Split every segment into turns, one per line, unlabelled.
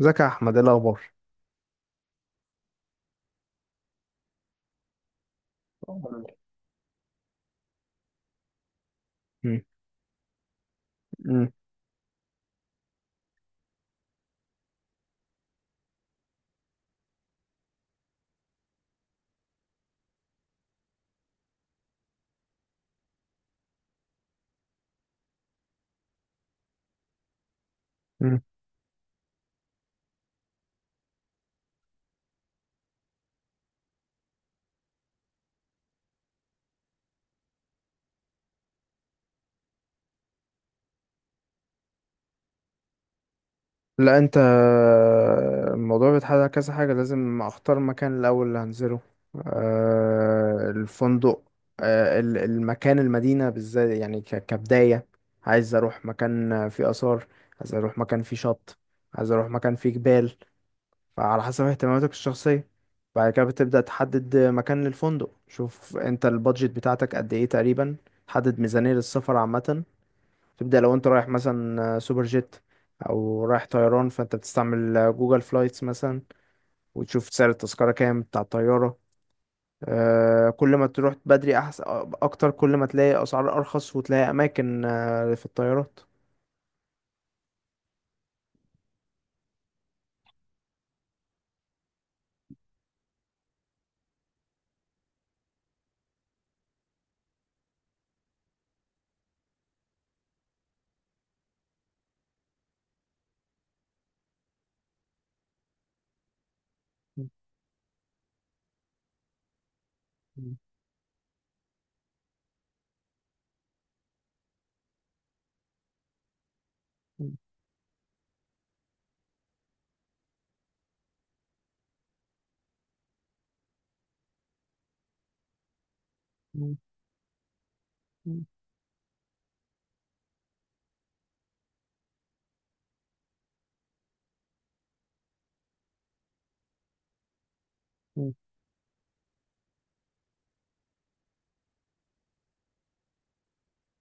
ازيك يا احمد، ايه الاخبار؟ مم. مم. مم. لا، الموضوع بيتحدد على كذا حاجه، لازم اختار مكان الاول اللي هنزله. الفندق، المكان، المدينه بالذات يعني كبدايه. عايز اروح مكان فيه اثار. عايز اروح مكان فيه شط. عايز اروح مكان فيه جبال. فعلى حسب اهتماماتك الشخصيه. بعد كده بتبدا تحدد مكان للفندق، شوف انت البادجت بتاعتك قد ايه تقريبا. تحدد ميزانيه للسفر عامه. تبدأ لو انت رايح مثلا سوبر جيت او رايح طيران، فانت بتستعمل جوجل فلايتس مثلا. وتشوف سعر التذكرة كام بتاع الطيارة. كل ما تروح بدري احسن اكتر، كل ما تلاقي اسعار ارخص وتلاقي اماكن في الطيارات.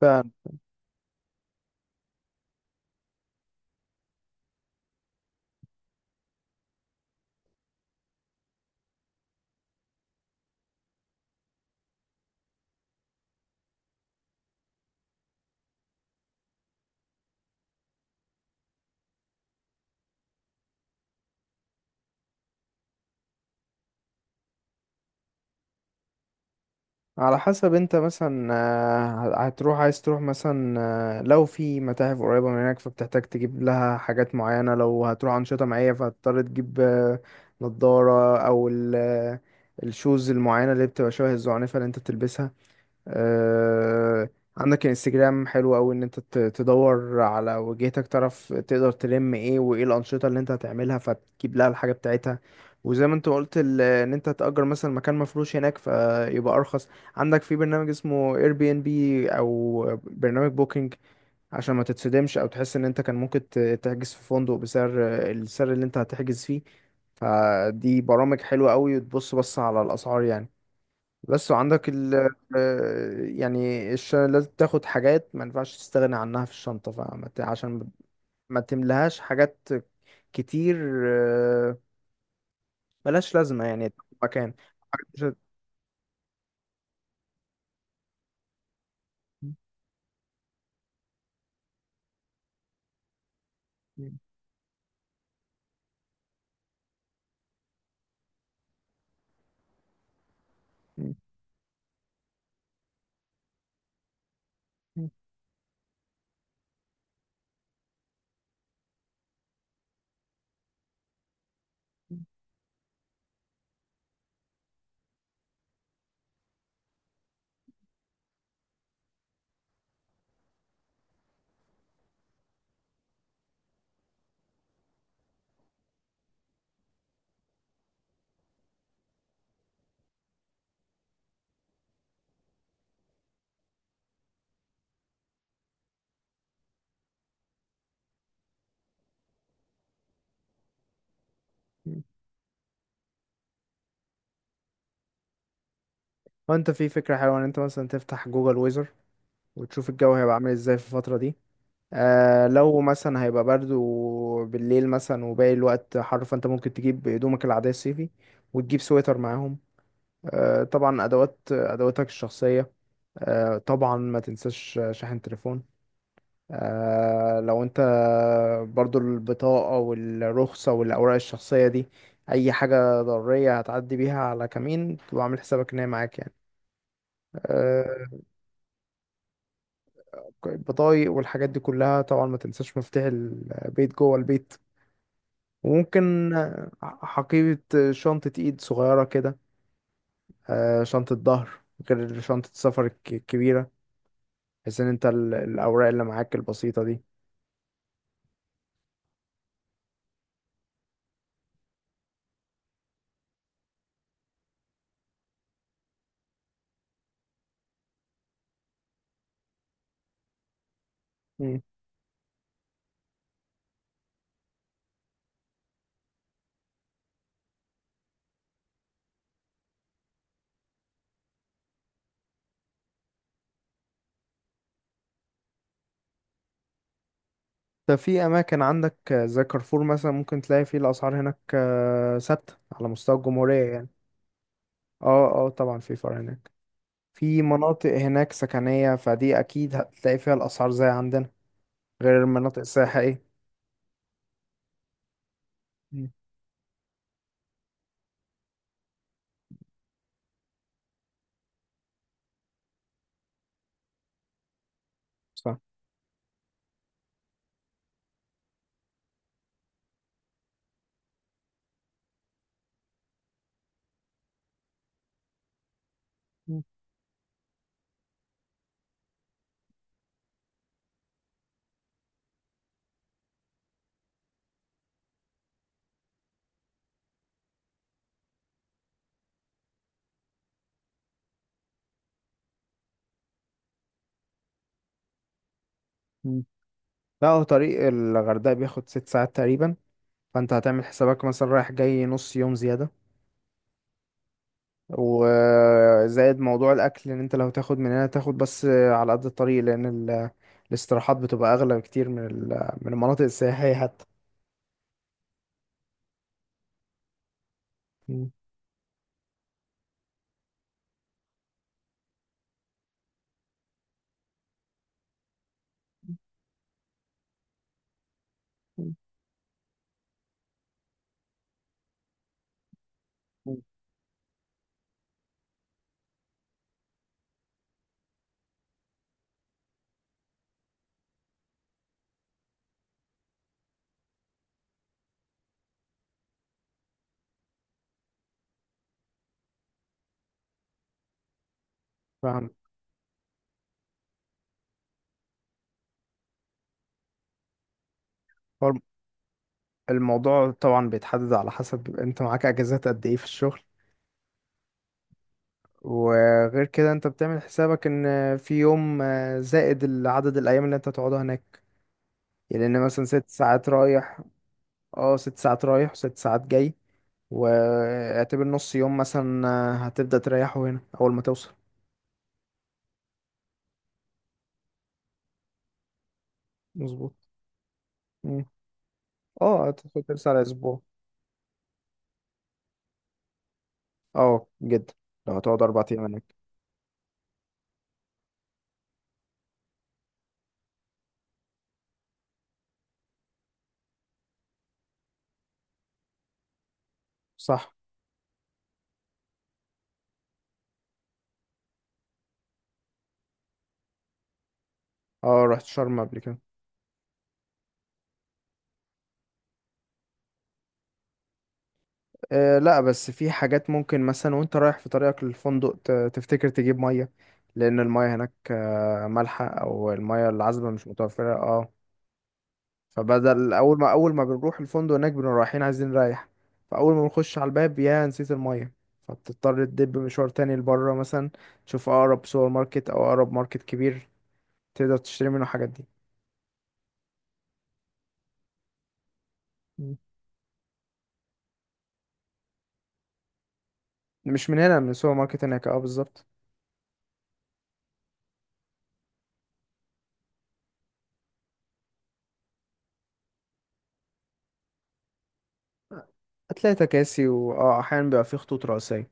على حسب انت مثلا هتروح، عايز تروح مثلا، لو في متاحف قريبة من هناك فبتحتاج تجيب لها حاجات معينة، لو هتروح أنشطة معينة فهتضطر تجيب نضارة، أو الشوز المعينة اللي بتبقى شبه الزعنفة اللي انت بتلبسها. آه، عندك انستجرام حلو قوي، ان انت تدور على وجهتك تعرف تقدر تلم ايه وايه الانشطه اللي انت هتعملها فتجيب لها الحاجه بتاعتها. وزي ما انت قلت ان انت تأجر مثلا مكان مفروش هناك فيبقى ارخص. عندك في برنامج اسمه اير بي ان بي او برنامج بوكينج. عشان ما تتصدمش او تحس ان انت كان ممكن تحجز في فندق بسعر السعر اللي انت هتحجز فيه. فدي برامج حلوة قوي، وتبص بص على الاسعار يعني. بس. وعندك يعني لازم تاخد حاجات ما ينفعش تستغنى عنها في الشنطة، عشان ما تملهاش حاجات كتير، آه، ملهاش لازمة يعني. مكان. حاجات مش وانت في فكرة حلوة، ان انت مثلا تفتح جوجل ويزر، وتشوف الجو هيبقى عامل ازاي في الفترة دي. لو مثلا هيبقى برد وبالليل مثلا وباقي الوقت حر، فانت ممكن تجيب هدومك العادية الصيفي. وتجيب سويتر معاهم. طبعا ادواتك الشخصيه. طبعا ما تنساش شاحن تليفون. لو انت. برضو البطاقه والرخصه والاوراق الشخصيه دي، اي حاجه ضروريه هتعدي بيها على كمين تبقى عامل حسابك ان هي معاك يعني. آه، البطايق والحاجات دي كلها، طبعا ما تنساش مفتاح البيت جوه البيت. وممكن شنطه ايد صغيره كده، شنطه ظهر غير شنطه السفر الكبيره، بحيث ان انت الاوراق اللي معاك البسيطه دي. مم. ده في اماكن عندك، زي كارفور مثلا، ممكن تلاقي فيه الاسعار هناك ثابته على مستوى الجمهوريه يعني. اه، اه، طبعا في فرع هناك. في مناطق هناك سكنيه، فدي اكيد هتلاقي فيها الاسعار زي عندنا. غير المناطق السياحيه. مم. صح. مم. مم. لا، هو طريق الغردقه بياخد 6 ساعات تقريبا. فانت هتعمل حسابك مثلا رايح جاي نص يوم زياده. وزائد موضوع الاكل، ان انت لو تاخد من هنا تاخد بس على قد الطريق، لان الاستراحات بتبقى اغلى بكتير من من المناطق السياحية حتى. مم. مم. فاهم. هو الموضوع طبعا بيتحدد على حسب انت معاك اجازات قد ايه في الشغل. وغير كده انت بتعمل حسابك ان في يوم زائد عدد الايام اللي انت تقعدها هناك. يعني ان مثلا 6 ساعات رايح. اه، 6 ساعات رايح و6 ساعات جاي. واعتبر نص يوم مثلا، هتبدأ تريحه هنا اول ما توصل. مظبوط. مم. اه، هتاخد ترسى على اسبوع. اه جدا، لو هتقعد 4 ايام هناك. صح. اه، رحت شرم قبل كده. لا، بس في حاجات ممكن مثلا وانت رايح في طريقك للفندق تفتكر تجيب ميه. لان الميه هناك مالحه او الميه العذبه مش متوفره، اه. فبدل اول ما بنروح الفندق هناك بنبقى رايحين عايزين نريح. فاول ما بنخش على الباب، يا نسيت الميه. فبتضطر تدب مشوار تاني لبره مثلا. تشوف اقرب سوبر ماركت او اقرب ماركت كبير، تقدر تشتري منه الحاجات دي. مم. مش من هنا، من السوبر ماركت هناك، اه بالظبط. هتلاقي تكاسي، واه احيانا بيبقى فيه خطوط رئيسية.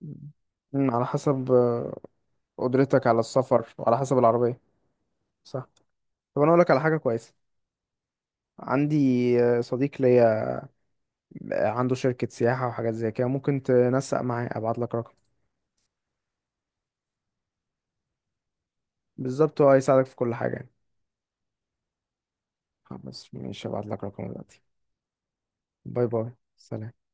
مم. على حسب قدرتك على السفر وعلى حسب العربية. صح. طب انا اقول لك على حاجة كويسة. عندي صديق ليا عنده شركة سياحة وحاجات زي كده، ممكن تنسق معاه ابعت لك رقم. بالظبط، هو هيساعدك في كل حاجة يعني. خلاص ماشي، ابعت لك رقم دلوقتي. باي باي. سلام.